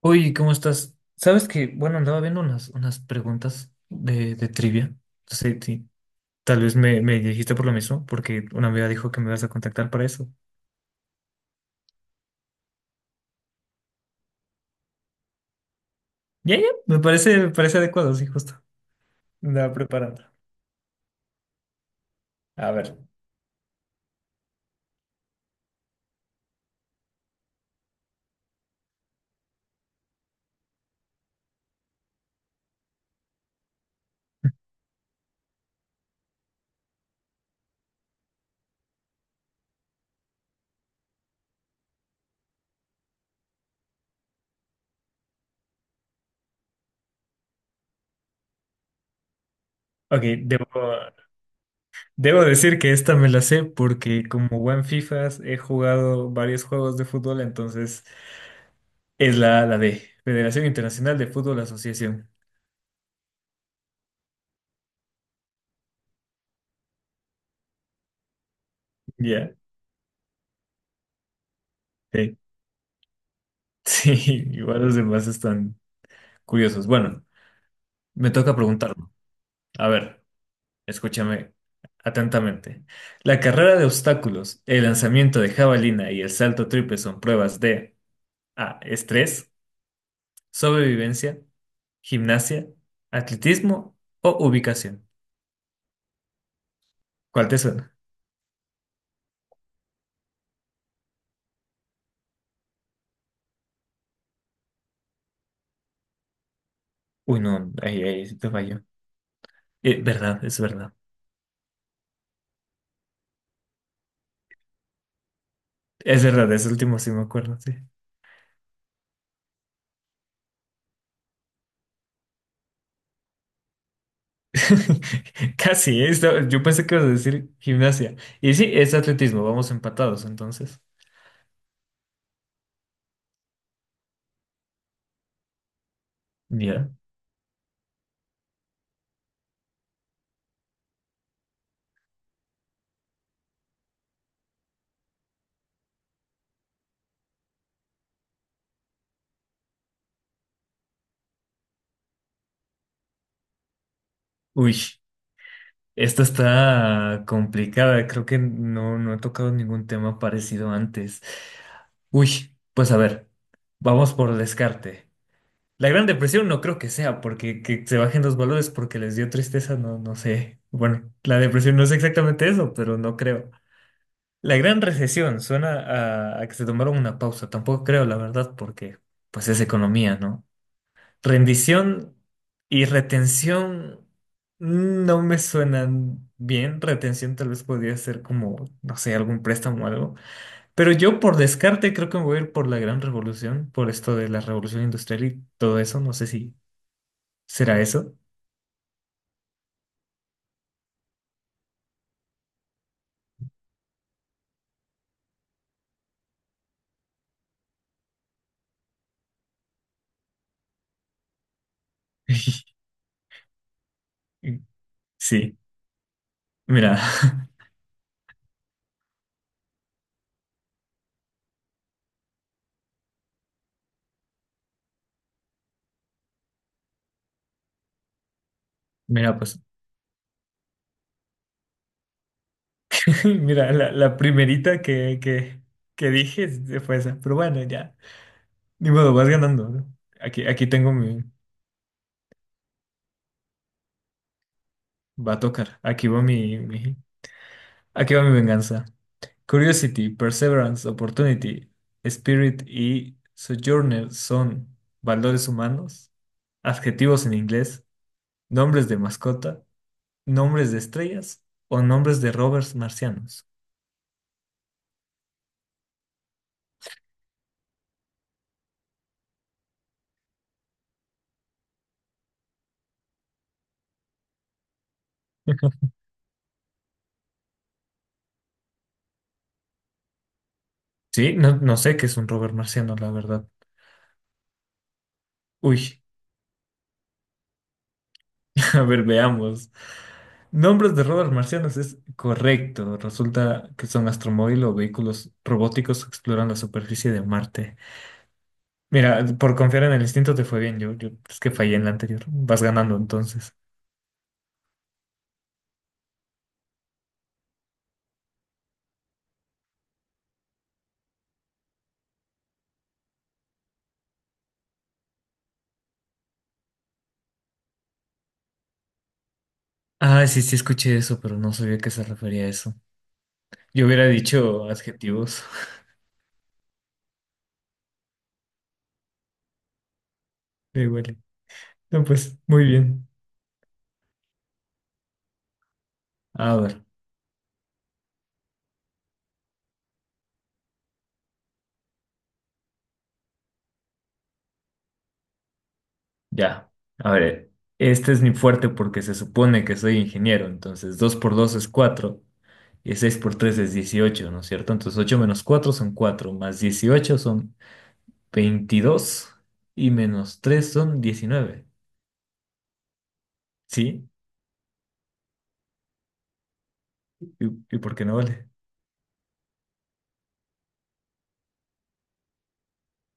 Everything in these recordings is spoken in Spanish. Oye, ¿cómo estás? Sabes que, bueno, andaba viendo unas preguntas de trivia. Sí, sí. Tal vez me dijiste por lo mismo, porque una amiga dijo que me vas a contactar para eso. Ya, ya, me parece adecuado, sí, justo. Andaba preparando. A ver. Ok, debo decir que esta me la sé porque como buen FIFAs he jugado varios juegos de fútbol, entonces es la de Federación Internacional de Fútbol Asociación. Ya, sí. Sí, igual los demás están curiosos. Bueno. Me toca preguntarlo. A ver, escúchame atentamente. La carrera de obstáculos, el lanzamiento de jabalina y el salto triple son pruebas de A. Estrés, sobrevivencia, gimnasia, atletismo o ubicación. ¿Cuál te suena? Uy, no, ahí sí te falló. Verdad, es verdad. Es verdad, es último sí me acuerdo, sí. Casi, yo pensé que ibas a decir gimnasia. Y sí, es atletismo, vamos empatados entonces. Ya. Uy. Esta está complicada, creo que no he tocado ningún tema parecido antes. Uy, pues a ver, vamos por descarte. La Gran Depresión no creo que sea, porque que se bajen los valores porque les dio tristeza, no, no sé. Bueno, la depresión no es exactamente eso, pero no creo. La Gran Recesión suena a que se tomaron una pausa, tampoco creo, la verdad, porque pues es economía, ¿no? Rendición y retención no me suenan bien. Retención tal vez podría ser como, no sé, algún préstamo o algo. Pero yo por descarte creo que me voy a ir por la gran revolución, por esto de la revolución industrial y todo eso. No sé si será eso. Sí, mira, mira, pues, mira, la primerita que dije fue esa. Pero bueno, ya, ni modo, vas ganando, ¿no? Aquí tengo mi, va a tocar, aquí va mi, aquí va mi venganza. Curiosity, Perseverance, Opportunity, Spirit y Sojourner son valores humanos, adjetivos en inglés, nombres de mascota, nombres de estrellas o nombres de rovers marcianos. Sí, no, no sé qué es un rover marciano, la verdad. Uy, a ver, veamos. Nombres de rovers marcianos es correcto. Resulta que son astromóvil o vehículos robóticos que exploran la superficie de Marte. Mira, por confiar en el instinto te fue bien. Yo es que fallé en la anterior. Vas ganando entonces. Ah, sí, sí escuché eso, pero no sabía a qué se refería eso. Yo hubiera dicho adjetivos. Me huele. No, pues, muy bien. A ver, ya. A ver, este es mi fuerte porque se supone que soy ingeniero. Entonces, 2 por 2 es 4 y 6 por 3 es 18, ¿no es cierto? Entonces, 8 menos 4 son 4 más 18 son 22 y menos 3 son 19. ¿Sí? ¿Y por qué no vale?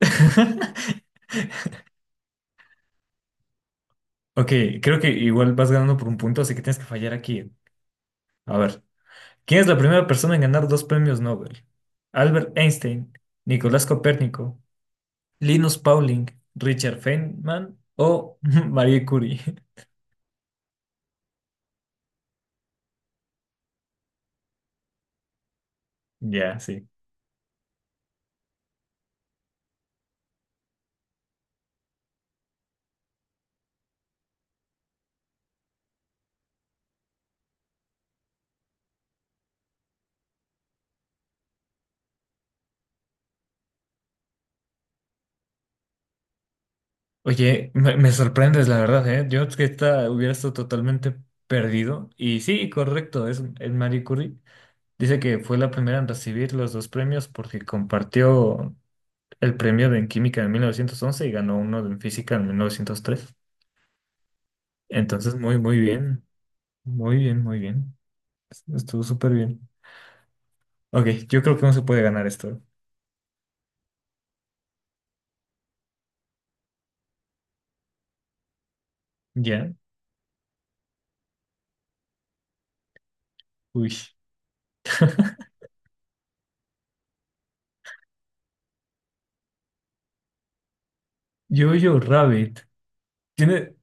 Ok, creo que igual vas ganando por un punto, así que tienes que fallar aquí. A ver, ¿quién es la primera persona en ganar dos premios Nobel? ¿Albert Einstein, Nicolás Copérnico, Linus Pauling, Richard Feynman o Marie Curie? Ya, sí. Oye, me sorprendes, la verdad, ¿eh? Yo es que esta hubiera estado totalmente perdido. Y sí, correcto, es Marie Curie. Dice que fue la primera en recibir los dos premios porque compartió el premio de en química en 1911 y ganó uno en física en 1903. Entonces, muy, muy bien. Muy bien, muy bien. Estuvo súper bien. Ok, yo creo que no se puede ganar esto. Ya. Uy. Jojo Rabbit. Tiene,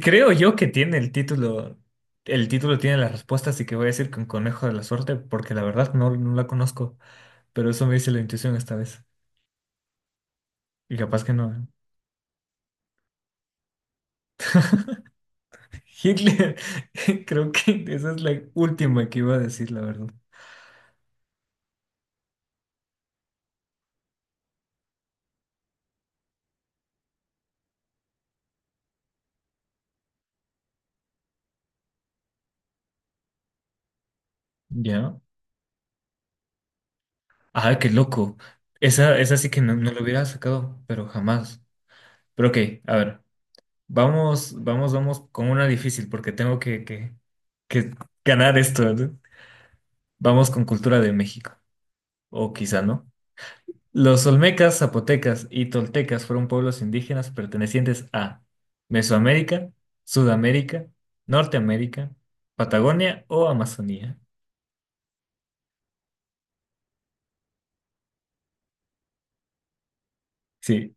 creo yo que tiene el título. El título tiene las respuestas, así que voy a decir con conejo de la suerte, porque la verdad no, no la conozco. Pero eso me dice la intuición esta vez. Y capaz que no. ¿Eh? Hitler. Creo que esa es la última que iba a decir, la verdad. Ya. Ah, qué loco. Esa sí que no, no lo hubiera sacado, pero jamás. Pero ok, a ver, vamos, vamos, vamos con una difícil porque tengo que ganar esto, ¿no? Vamos con cultura de México, o quizá no. Los olmecas, zapotecas y toltecas fueron pueblos indígenas pertenecientes a Mesoamérica, Sudamérica, Norteamérica, Patagonia o Amazonía. Sí.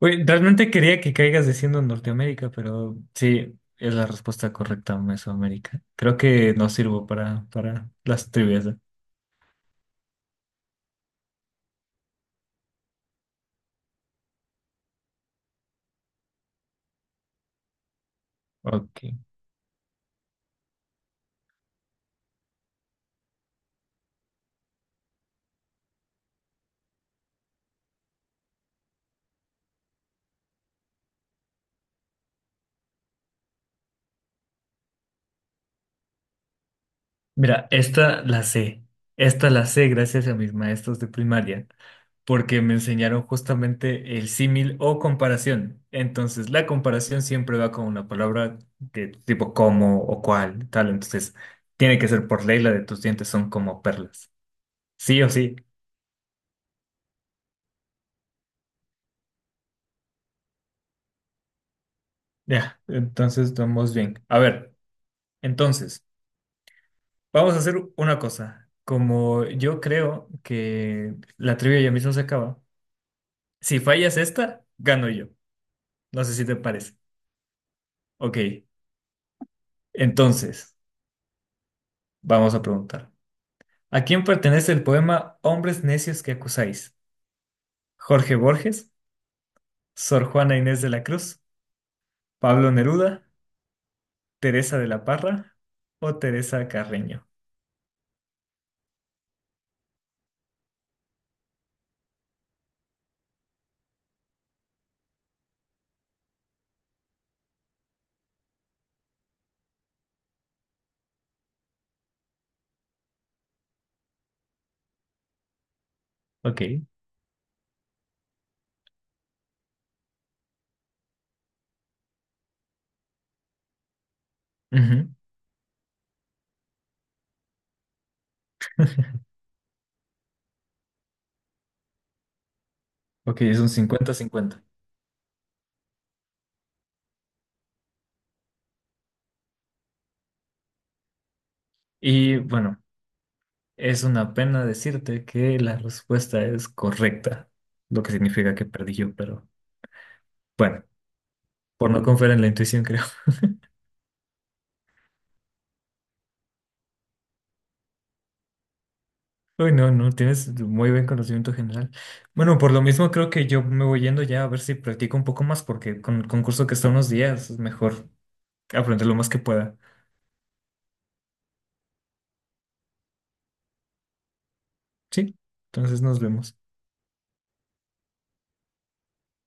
Güey, realmente quería que caigas diciendo Norteamérica, pero sí, es la respuesta correcta, Mesoamérica. Creo que no sirvo para las trivias, ¿eh? Ok. Mira, esta la sé. Esta la sé gracias a mis maestros de primaria, porque me enseñaron justamente el símil o comparación. Entonces, la comparación siempre va con una palabra de tipo como o cual, tal. Entonces, tiene que ser por ley la de tus dientes son como perlas. Sí o sí. Ya, entonces vamos bien. A ver, entonces, vamos a hacer una cosa. Como yo creo que la trivia ya mismo se acaba, si fallas esta, gano yo. No sé si te parece. Ok, entonces, vamos a preguntar. ¿A quién pertenece el poema Hombres necios que acusáis? ¿Jorge Borges, Sor Juana Inés de la Cruz, Pablo Neruda, Teresa de la Parra o Teresa Carreño? Ok. Ujú. Ok, es un cincuenta-cincuenta. Y bueno. Es una pena decirte que la respuesta es correcta, lo que significa que perdí yo, pero bueno, por no confiar en la intuición, creo. Uy, no, no, tienes muy buen conocimiento general. Bueno, por lo mismo creo que yo me voy yendo ya a ver si practico un poco más, porque con el concurso que está unos días es mejor aprender lo más que pueda. Sí, entonces nos vemos.